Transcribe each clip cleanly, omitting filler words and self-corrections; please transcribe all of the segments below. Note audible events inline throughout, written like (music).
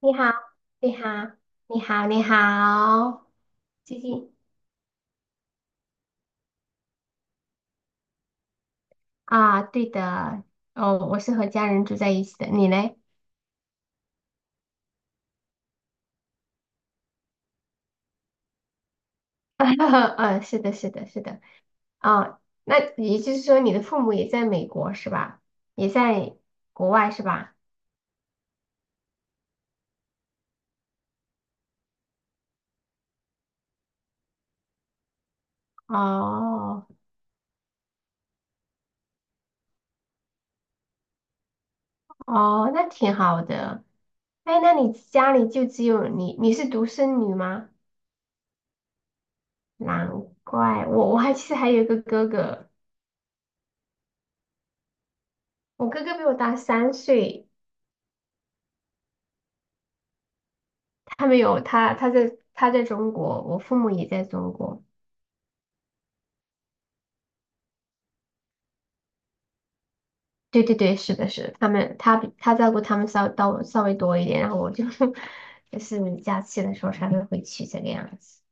你好，你好，你好，你好，最近啊，对的，哦，我是和家人住在一起的，你嘞？(laughs) 嗯，是的，是的，是的，哦，那也就是说你的父母也在美国是吧？也在国外是吧？哦，哦，那挺好的。哎，那你家里就只有你，你是独生女吗？难怪我其实还有一个哥哥，我哥哥比我大3岁。他在中国，我父母也在中国。对对对，是的，是的，他比他照顾他们稍微多一点，然后我就 (laughs) 就是假期的时候才会回去这个样子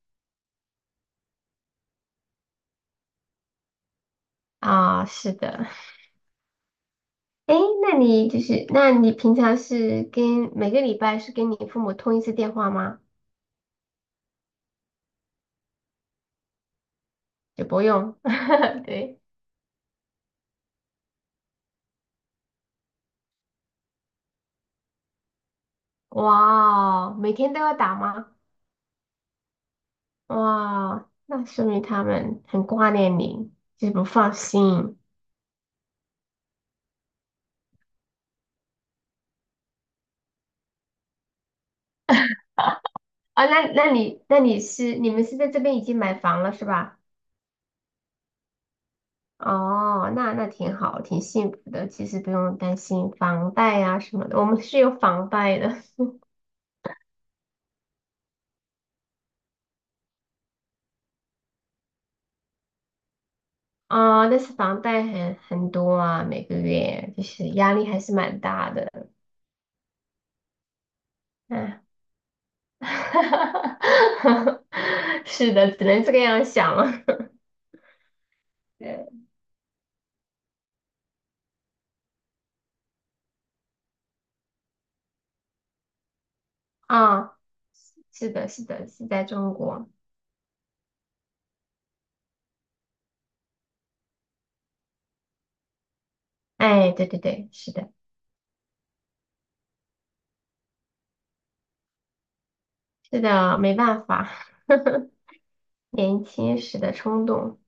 啊，是的。哎，那你平常每个礼拜是跟你父母通一次电话吗？也不用，(laughs) 对，哇，每天都要打吗？哇，那说明他们很挂念你，就是不放心。啊，那那你那你是你们是在这边已经买房了是吧？哦，那挺好，挺幸福的。其实不用担心房贷啊什么的，我们是有房贷的。(laughs) 哦，但是房贷很多啊，每个月就是压力还是蛮大的。嗯，(laughs) 是的，只能这个样想了。(laughs) 对啊，是的，是的，是在中国。哎，对对对，是的，是的，没办法，年轻时的冲动。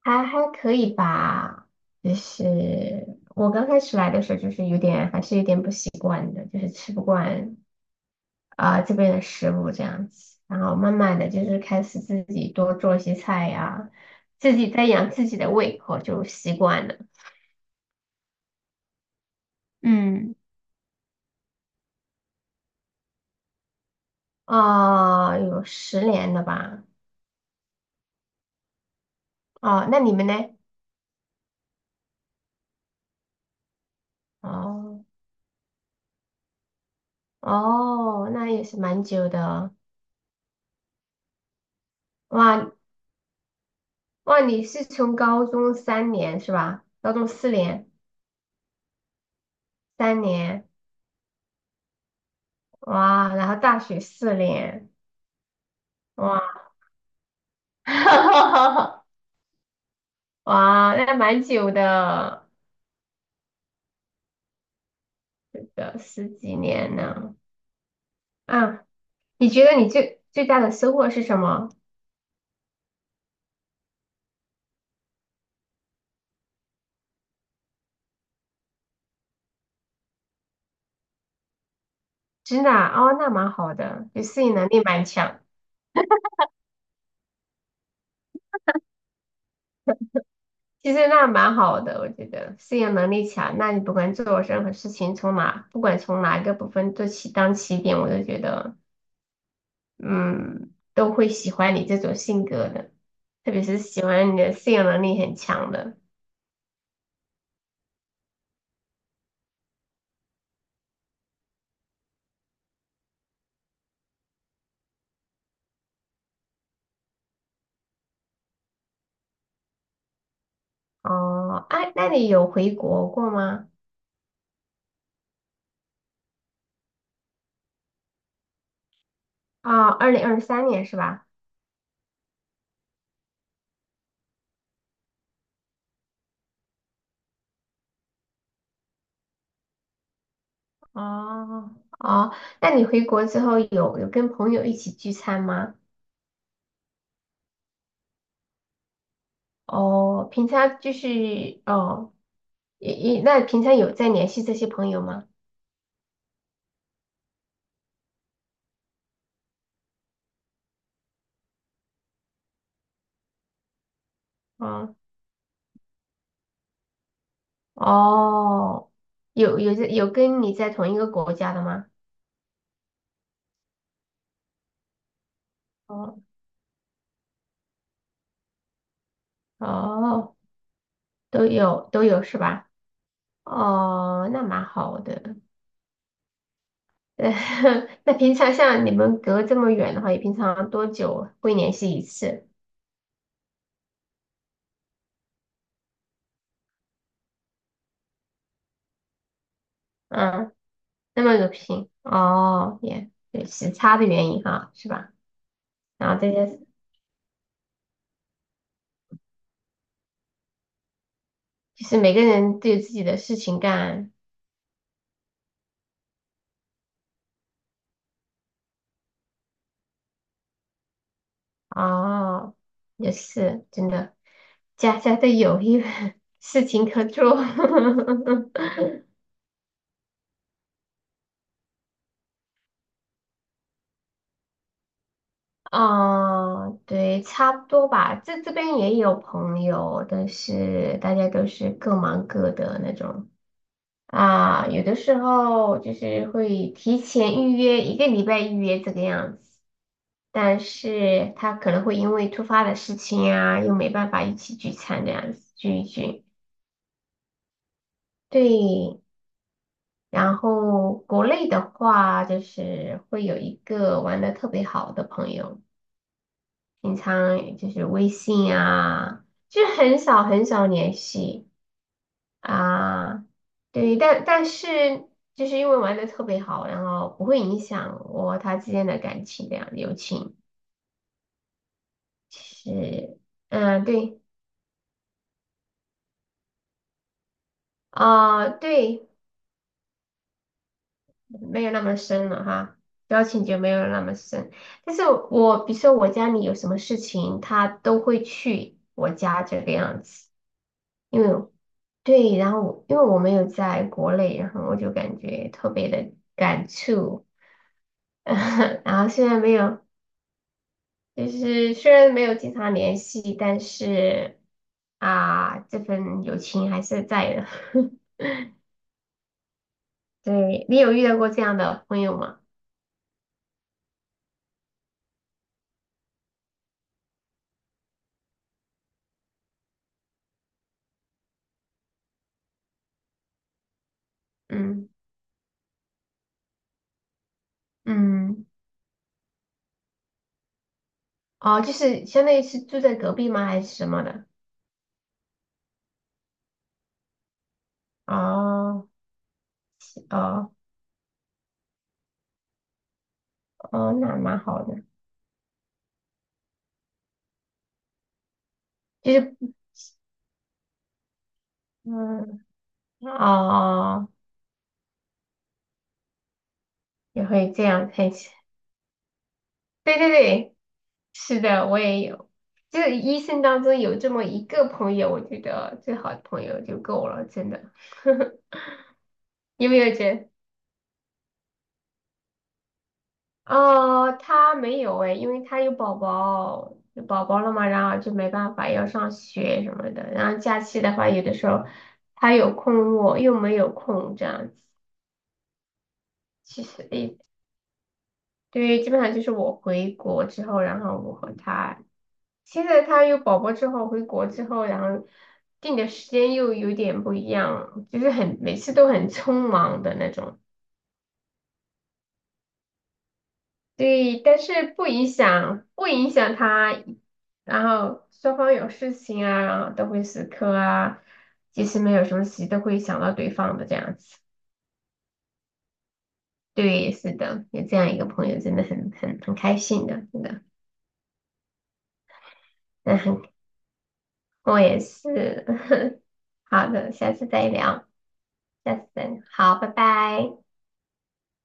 还可以吧，就是我刚开始来的时候，就是有点还是有点不习惯的，就是吃不惯啊、这边的食物这样子，然后慢慢的就是开始自己多做一些菜呀、自己在养自己的胃口就习惯了。嗯，啊、有10年了吧？哦，那你们呢？哦哦，那也是蛮久的。哇哇，你是从高中三年是吧？高中四年，三年。哇，然后大学四年，哇 (laughs) 哇，那蛮久的，的十几年呢。啊，你觉得你最大的收获是什么？真的啊哦，那蛮好的，就适应能力蛮强。其实那蛮好的，我觉得适应能力强，那你不管做任何事情，不管从哪一个部分做起当起点，我都觉得嗯都会喜欢你这种性格的，特别是喜欢你的适应能力很强的。哦，哎，那你有回国过吗？啊，2023年是吧？哦，哦，那你回国之后有跟朋友一起聚餐吗？哦，平常就是哦，那平常有在联系这些朋友吗？嗯，哦，有跟你在同一个国家的吗？哦哦，都有都有是吧？哦，那蛮好的。呃，(laughs) 那平常像你们隔这么远的话，也平常多久会联系一次？嗯，那么个频哦，也对时差的原因哈，是吧？然后这些就是每个人都有自己的事情干哦，也是真的，家家都有一 (laughs) 事情可做。(laughs) 哦，对，差不多吧。这边也有朋友，但是大家都是各忙各的那种。啊，有的时候就是会提前预约一个礼拜预约这个样子，但是他可能会因为突发的事情啊，又没办法一起聚餐这样子聚一聚。对，然后国内的话，就是会有一个玩的特别好的朋友，平常就是微信啊，就很少很少联系。啊，对，但是就是因为玩的特别好，然后不会影响我和他之间的感情，这样友情是，嗯，对，啊、对，没有那么深了哈，交情就没有那么深。但是我比如说我家里有什么事情，他都会去我家这个样子，因为对，然后因为我没有在国内，然后我就感觉特别的感触。(laughs) 然后虽然没有。就是虽然没有经常联系，但是啊，这份友情还是在的。(laughs) 对，你有遇到过这样的朋友吗？嗯嗯，哦，就是相当于是住在隔壁吗？还是什么的？哦哦哦，那蛮好的。就是嗯哦，也会这样配起。对对对，是的，我也有。就是一生当中有这么一个朋友，我觉得最好的朋友就够了，真的。(laughs) 有没有结？哦，他没有哎，因为他有宝宝，有宝宝了嘛，然后就没办法要上学什么的。然后假期的话，有的时候他有空，我又没有空，这样子。其实诶对，基本上就是我回国之后，然后我和他，现在他有宝宝之后，回国之后，然后定的时间又有点不一样，就是每次都很匆忙的那种。对，但是不影响，不影响他，然后双方有事情啊，然后都会死磕啊，即使没有什么事，都会想到对方的这样子。对，是的，有这样一个朋友真的很开心的，真的，那很我也是。(laughs) 好的，下次再聊，下次再聊好，拜拜。